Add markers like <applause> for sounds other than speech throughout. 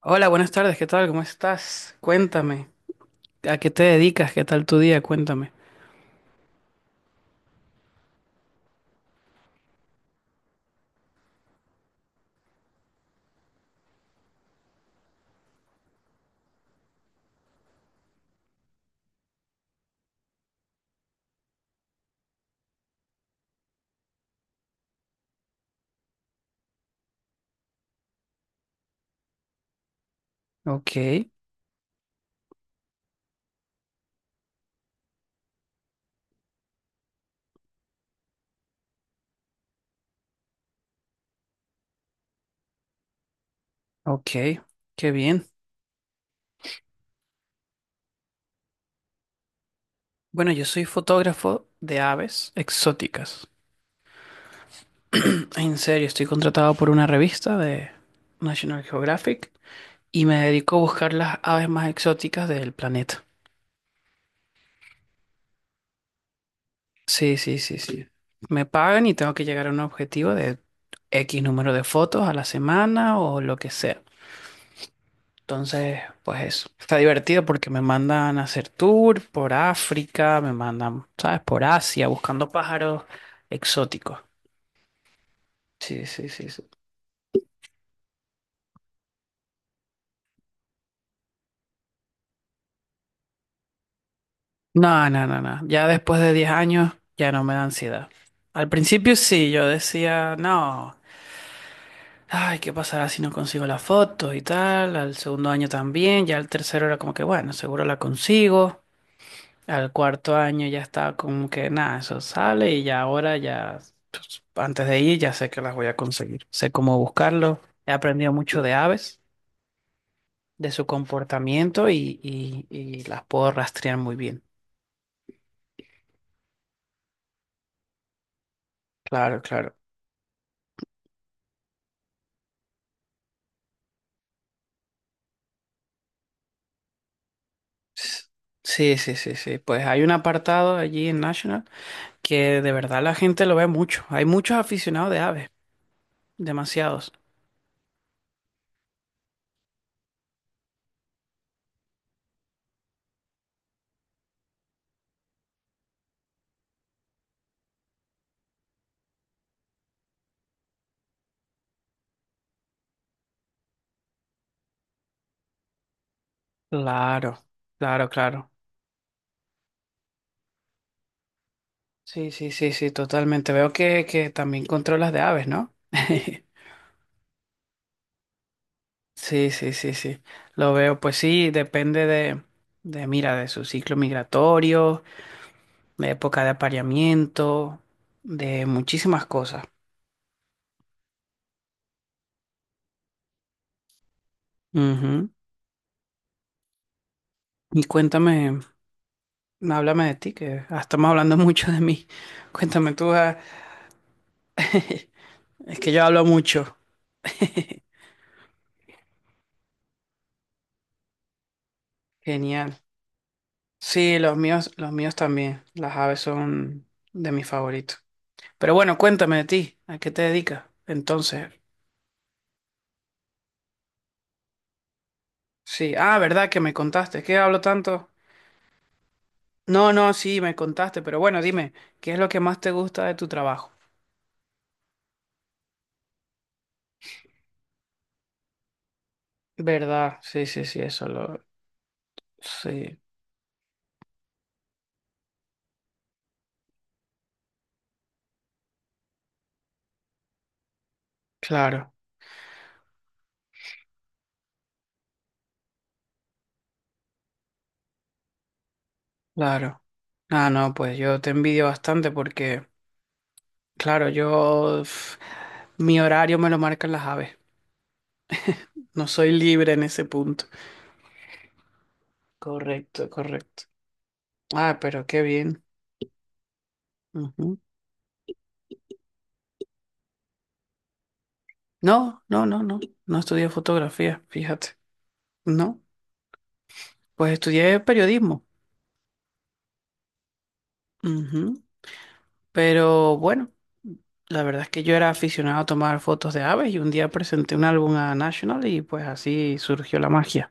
Hola, buenas tardes, ¿qué tal? ¿Cómo estás? Cuéntame, ¿a qué te dedicas? ¿Qué tal tu día? Cuéntame. Ok, ok, qué bien. Bueno, yo soy fotógrafo de aves exóticas. En serio, estoy contratado por una revista de National Geographic y me dedico a buscar las aves más exóticas del planeta. Sí, sí, sí, sí. Me pagan y tengo que llegar a un objetivo de X número de fotos a la semana o lo que sea. Entonces, pues eso. Está divertido porque me mandan a hacer tour por África, me mandan, ¿sabes? Por Asia, buscando pájaros exóticos. Sí, sí, sí, sí. No, no, no, no. Ya después de 10 años ya no me da ansiedad. Al principio sí, yo decía, no, ay, ¿qué pasará si no consigo la foto y tal? Al segundo año también, ya al tercero era como que, bueno, seguro la consigo. Al cuarto año ya estaba como que nada, eso sale y ya ahora ya, pues, antes de ir ya sé que las voy a conseguir. Sé cómo buscarlo. He aprendido mucho de aves, de su comportamiento y las puedo rastrear muy bien. Claro, claro. S- Sí, sí, sí, sí. Pues hay un apartado allí en National que de verdad la gente lo ve mucho. Hay muchos aficionados de aves, demasiados. Claro, claro, claro. Sí, sí, sí, sí, totalmente. Veo que también controlas de aves, ¿no? <laughs> Sí, sí, sí, sí. Lo veo, pues sí, depende mira, de su ciclo migratorio, de época de apareamiento, de muchísimas cosas. Ujú. Y cuéntame, háblame de ti, que ah, estamos hablando <laughs> mucho de mí. Cuéntame tú, ah, <laughs> es que yo hablo mucho. Genial. Sí, los míos también. Las aves son de mis favoritos. Pero bueno, cuéntame de ti, ¿a qué te dedicas? Entonces, sí, ah, verdad que me contaste, ¿qué hablo tanto? No, no, sí, me contaste, pero bueno, dime, ¿qué es lo que más te gusta de tu trabajo? ¿Verdad? Sí, sí, sí, eso lo... Sí, claro, claro. Ah, no, pues yo te envidio bastante porque, claro, yo... uf, mi horario me lo marcan las aves. No soy libre en ese punto. Correcto, correcto. Ah, pero qué bien. Ujú. No, no, no, no. No estudié fotografía, fíjate. No, pues estudié periodismo. Ujú. Pero bueno, la verdad es que yo era aficionado a tomar fotos de aves y un día presenté un álbum a National y pues así surgió la magia.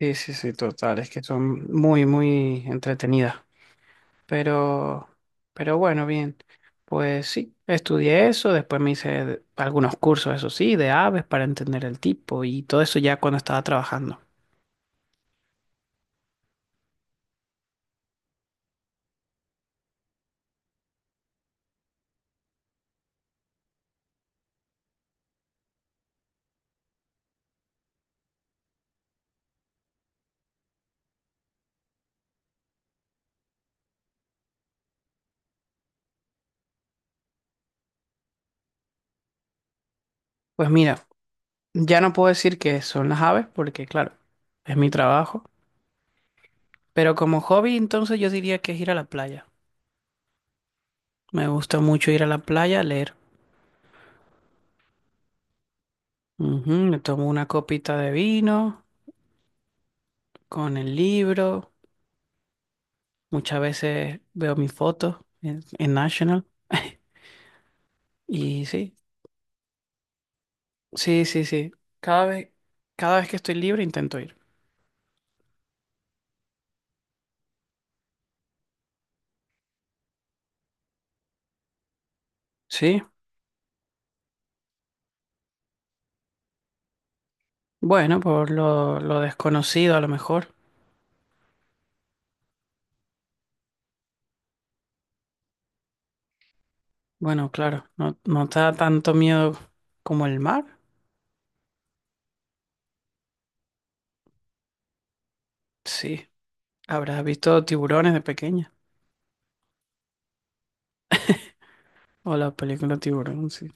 Sí, sí, sí, total, es que son muy, muy entretenidas. Pero, pero bueno, bien, pues sí, estudié eso, después me hice algunos cursos, eso sí, de aves para entender el tipo y todo eso ya cuando estaba trabajando. Pues mira, ya no puedo decir que son las aves porque claro, es mi trabajo, pero como hobby entonces yo diría que es ir a la playa. Me gusta mucho ir a la playa a leer. Ujú. Me tomo una copita de vino con el libro. Muchas veces veo mis fotos en National. <laughs> Y sí, sí, sí, sí. Cada vez, cada vez que estoy libre intento ir. Sí, bueno, por lo desconocido a lo mejor. Bueno, claro, no, no te da tanto miedo como el mar. Sí, habrás visto tiburones de pequeña. O la película Tiburón, sí.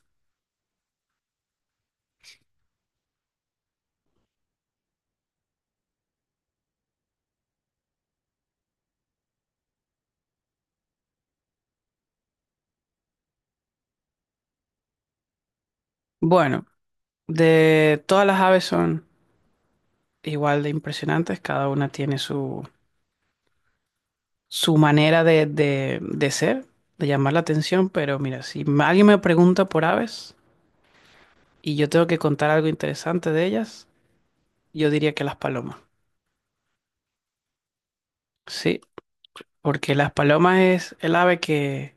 Bueno, de todas las aves son igual de impresionantes, cada una tiene su, su manera de ser, de llamar la atención, pero mira, si alguien me pregunta por aves y yo tengo que contar algo interesante de ellas, yo diría que las palomas. Sí, porque las palomas es el ave que,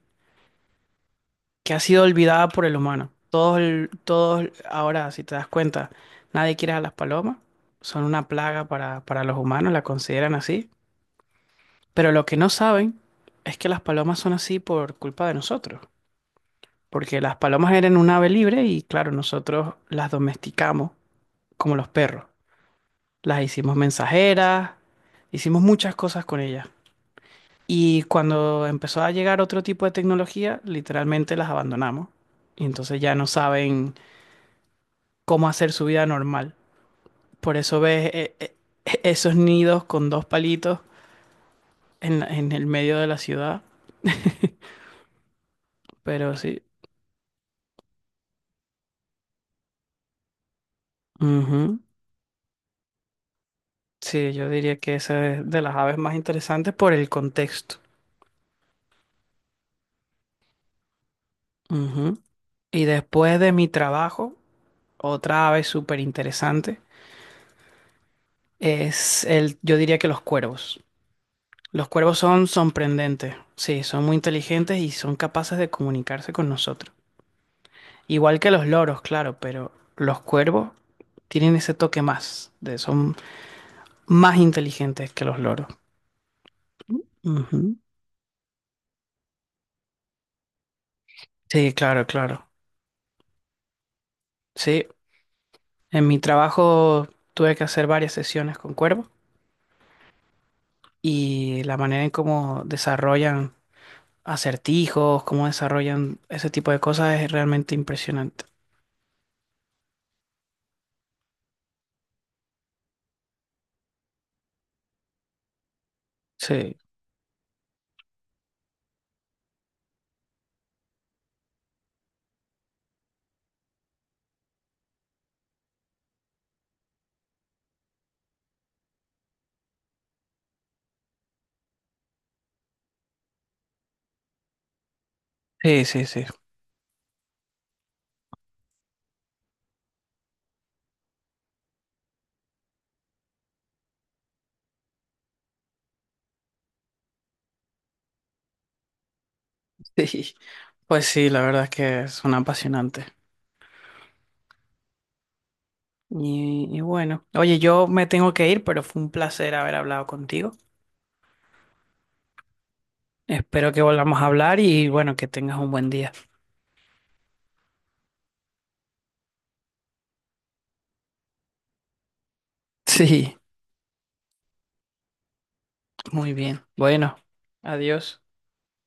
que ha sido olvidada por el humano. Todos ahora, si te das cuenta, nadie quiere a las palomas, son una plaga para los humanos, la consideran así, pero lo que no saben es que las palomas son así por culpa de nosotros. Porque las palomas eran un ave libre y claro, nosotros las domesticamos como los perros. Las hicimos mensajeras, hicimos muchas cosas con ellas. Y cuando empezó a llegar otro tipo de tecnología, literalmente las abandonamos. Y entonces ya no saben cómo hacer su vida normal. Por eso ves esos nidos con dos palitos en el medio de la ciudad. <laughs> Pero sí. Ujú. Sí, yo diría que esa es de las aves más interesantes por el contexto. Ujú. Y después de mi trabajo, otra ave súper interesante es el, yo diría que los cuervos. Los cuervos son sorprendentes, sí, son muy inteligentes y son capaces de comunicarse con nosotros. Igual que los loros, claro, pero los cuervos tienen ese toque más, de, son más inteligentes que los loros. Ujú. Sí, claro, claro. Sí, en mi trabajo tuve que hacer varias sesiones con cuervos y la manera en cómo desarrollan acertijos, cómo desarrollan ese tipo de cosas es realmente impresionante. Sí, sí, sí, sí. <laughs> Sí. Pues sí, la verdad es que son apasionantes. Y bueno, oye, yo me tengo que ir, pero fue un placer haber hablado contigo. Espero que volvamos a hablar y bueno, que tengas un buen día. Sí, muy bien. Bueno, adiós.